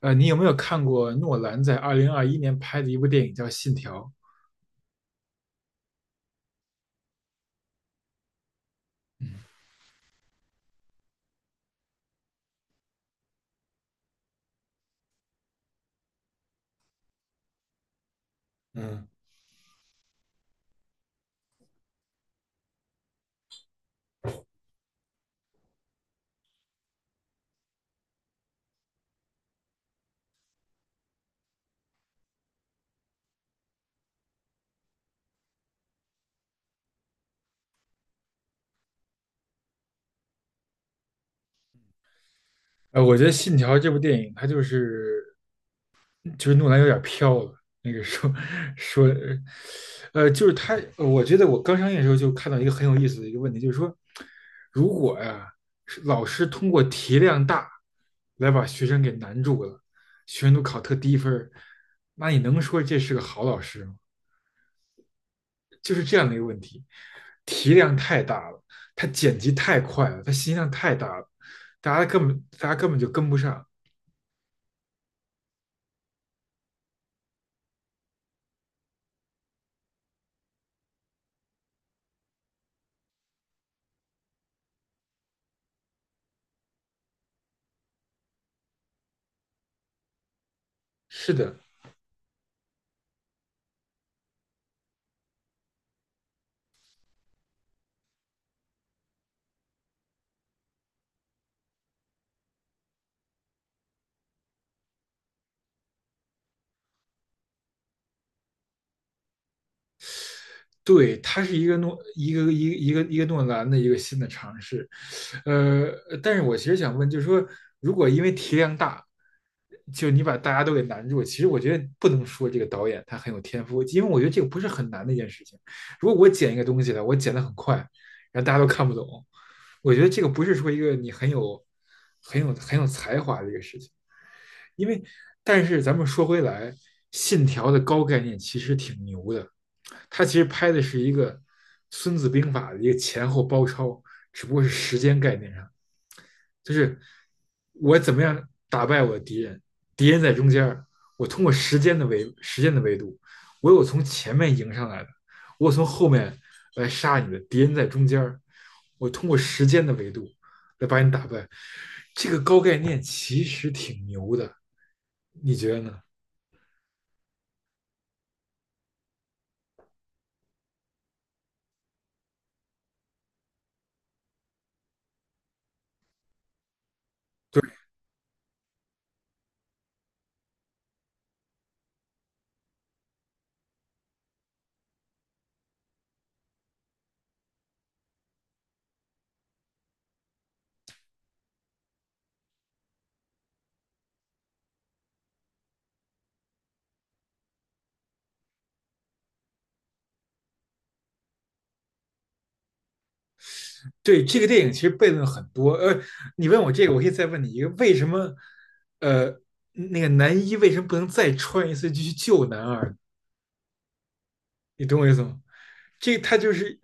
你有没有看过诺兰在二零二一年拍的一部电影叫《信条》？嗯嗯。我觉得《信条》这部电影，它就是诺兰有点飘了。那个说说，就是他，我觉得我刚上映的时候就看到一个很有意思的一个问题，就是说，如果呀、是老师通过题量大来把学生给难住了，学生都考特低分儿，那你能说这是个好老师吗？就是这样的一个问题，题量太大了，它剪辑太快了，它信息量太大了，大家根本就跟不上。是的，对，它是一个诺兰的一个新的尝试。呃，但是我其实想问，就是说，如果因为题量大，就你把大家都给难住，其实我觉得不能说这个导演他很有天赋，因为我觉得这个不是很难的一件事情。如果我剪一个东西呢，我剪的很快，然后大家都看不懂，我觉得这个不是说一个你很有才华的一个事情。因为，但是咱们说回来，信条的高概念其实挺牛的，它其实拍的是一个《孙子兵法》的一个前后包抄，只不过是时间概念上就是我怎么样打败我的敌人，敌人在中间儿，我通过时间的维度，我有从前面迎上来的，我有从后面来杀你的，敌人在中间儿，我通过时间的维度来把你打败。这个高概念其实挺牛的，你觉得呢？对，这个电影其实悖论很多。你问我这个，我可以再问你一个：为什么，呃，那个男一为什么不能再穿一次去救男二？你懂我意思吗？这它就是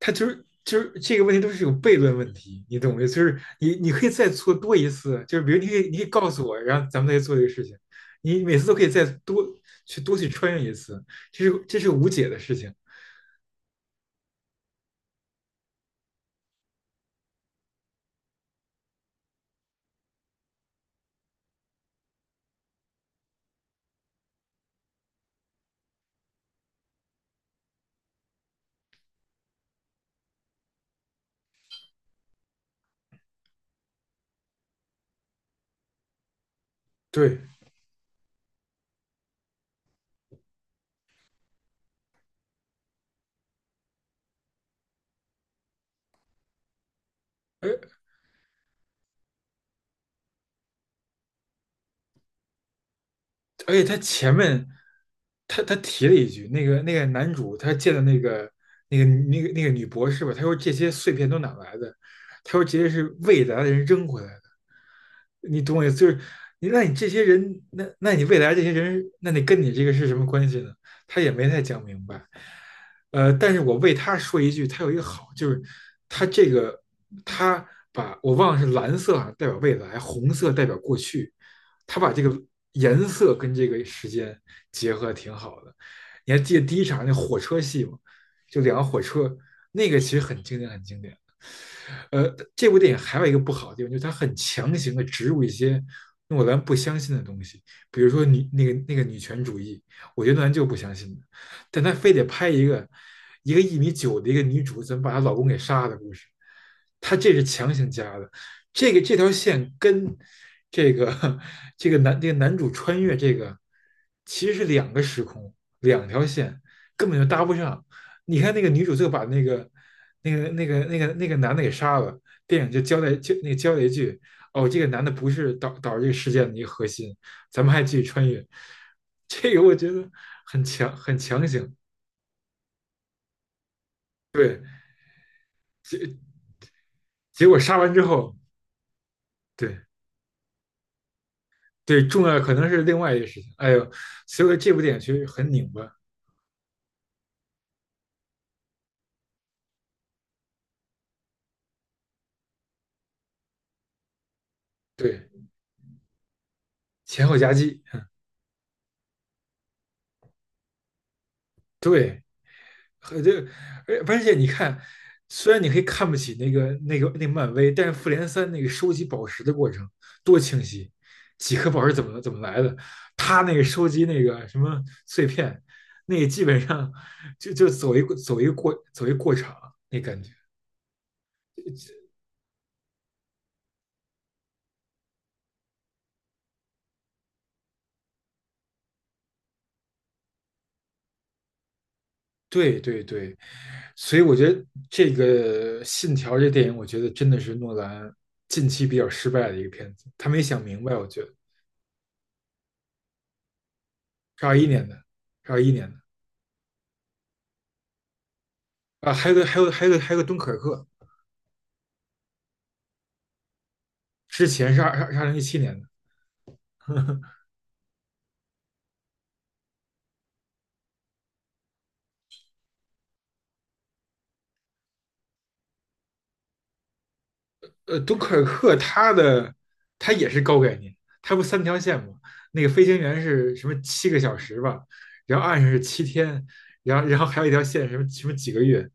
它就是就是这个问题都是有悖论问题，你懂吗？就是你可以再做多一次，就是比如你可以告诉我，然后咱们再做这个事情，你每次都可以再多去穿越一次，这是无解的事情。对，而而且他前面他提了一句，那个男主他见的那个女博士吧，他说这些碎片都哪来的？他说这些是未来的人扔回来的。你懂我意思？就是你那你这些人，那你未来这些人，那你跟你这个是什么关系呢？他也没太讲明白。但是我为他说一句，他有一个好，就是他这个他把我忘了是蓝色好像代表未来，红色代表过去，他把这个颜色跟这个时间结合的挺好的。你还记得第一场那火车戏吗？就两个火车，那个其实很经典，很经典。呃，这部电影还有一个不好的地方，就是它很强行的植入一些诺兰不相信的东西，比如说女那个那个女权主义，我觉得诺兰就不相信的，但他非得拍一个一个1米9的一个女主怎么把她老公给杀的故事，他这是强行加的，这个这条线跟这个这个男这个男主穿越这个其实是两个时空，两条线根本就搭不上。你看那个女主最后把那个男的给杀了，电影就交代就那个交代一句，哦，这个男的不是导致这个事件的一个核心，咱们还继续穿越。这个我觉得很强行，结结果杀完之后，对对，重要的可能是另外一个事情。哎呦，所以说这部电影其实很拧巴。对，前后夹击，对，和这个，而且你看，虽然你可以看不起那个漫威，但是复联3那个收集宝石的过程多清晰，几颗宝石怎么来的，他那个收集那个什么碎片，那个基本上就走一个过场那感觉。对对对，所以我觉得这个《信条》这电影，我觉得真的是诺兰近期比较失败的一个片子，他没想明白，我觉得是二一年的，是二一年的。啊，还有个敦刻尔克，之前是二零一七年的。敦刻尔克它也是高概念，它不三条线吗？那个飞行员是什么7个小时吧，然后岸上是7天，然后然后还有一条线什么什么几个月，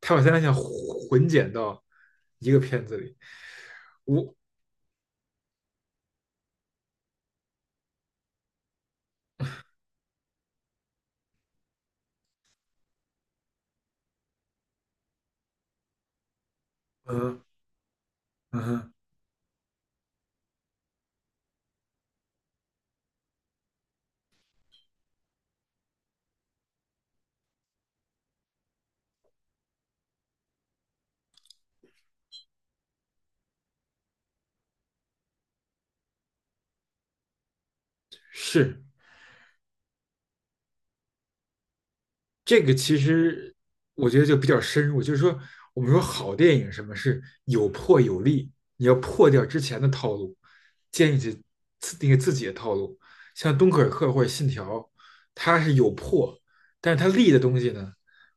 它把三条线混剪到一个片子里。我嗯嗯哼。是。这个其实我觉得就比较深入，就是说我们说好电影什么是有破有立，你要破掉之前的套路，建立起自那个自己的套路。像敦刻尔克或者信条，它是有破，但是它立的东西呢，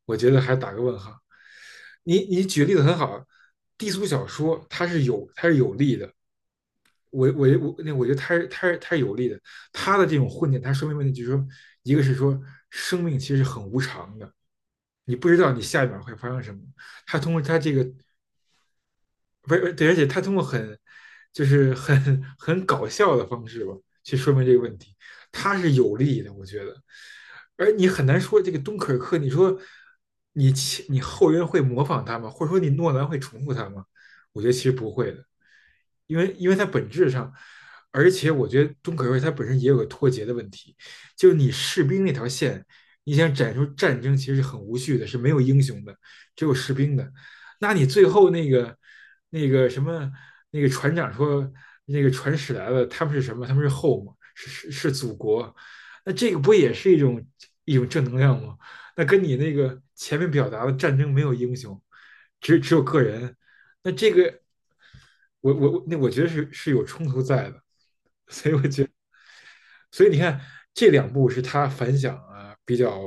我觉得还打个问号。你举例子很好，低俗小说它是有立的，我觉得他是有利的，他的这种混点，他说明问题就是说，一个是说生命其实很无常的，你不知道你下一秒会发生什么。他通过他这个不是对，而且他通过很就是很很搞笑的方式吧，去说明这个问题，他是有利的，我觉得。而你很难说这个东可克，你说你你后人会模仿他吗？或者说你诺兰会重复他吗？我觉得其实不会的。因为它本质上，而且我觉得中可瑞它本身也有个脱节的问题，就是你士兵那条线，你想展出战争其实是很无序的，是没有英雄的，只有士兵的。那你最后那个那个什么船长说那个船驶来了，他们是什么？他们是 home,是祖国。那这个不也是一种正能量吗？那跟你那个前面表达的战争没有英雄，只有个人，那这个我觉得是有冲突在的，所以你看这两部是他反响啊比较，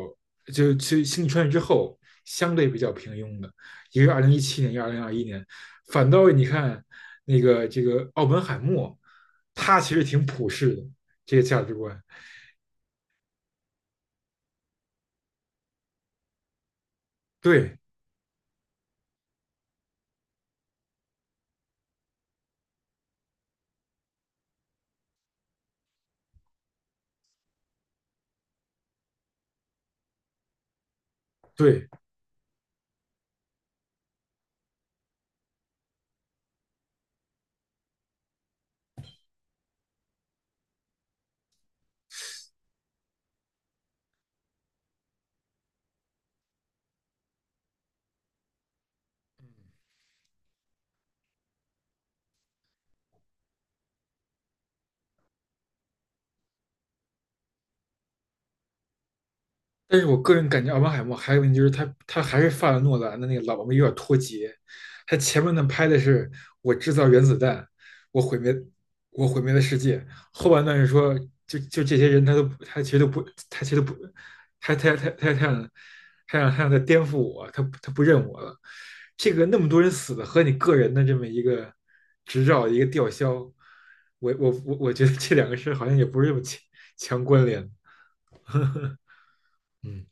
就去《星际穿越之后相对比较平庸的，一个是二零一七年，一个二零二一年，反倒你看那个这个奥本海默，他其实挺普世的这个价值观。对对，但是我个人感觉奥本海默还有问题就是他还是犯了诺兰的那个老毛病，有点脱节。他前面呢拍的是我制造原子弹，我毁灭我毁灭了世界，后半段是说就这些人他都他其实都不他他他他他想他想再颠覆我，他不认我了。这个那么多人死的和你个人的这么一个执照一个吊销，我觉得这两个事好像也不是这么强关联。嗯，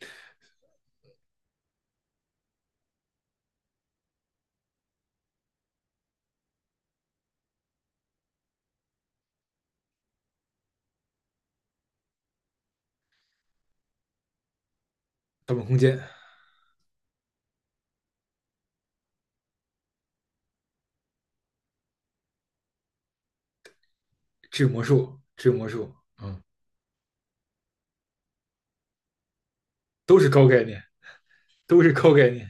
盗梦空间。治魔术，治魔术，嗯，都是高概念，都是高概念。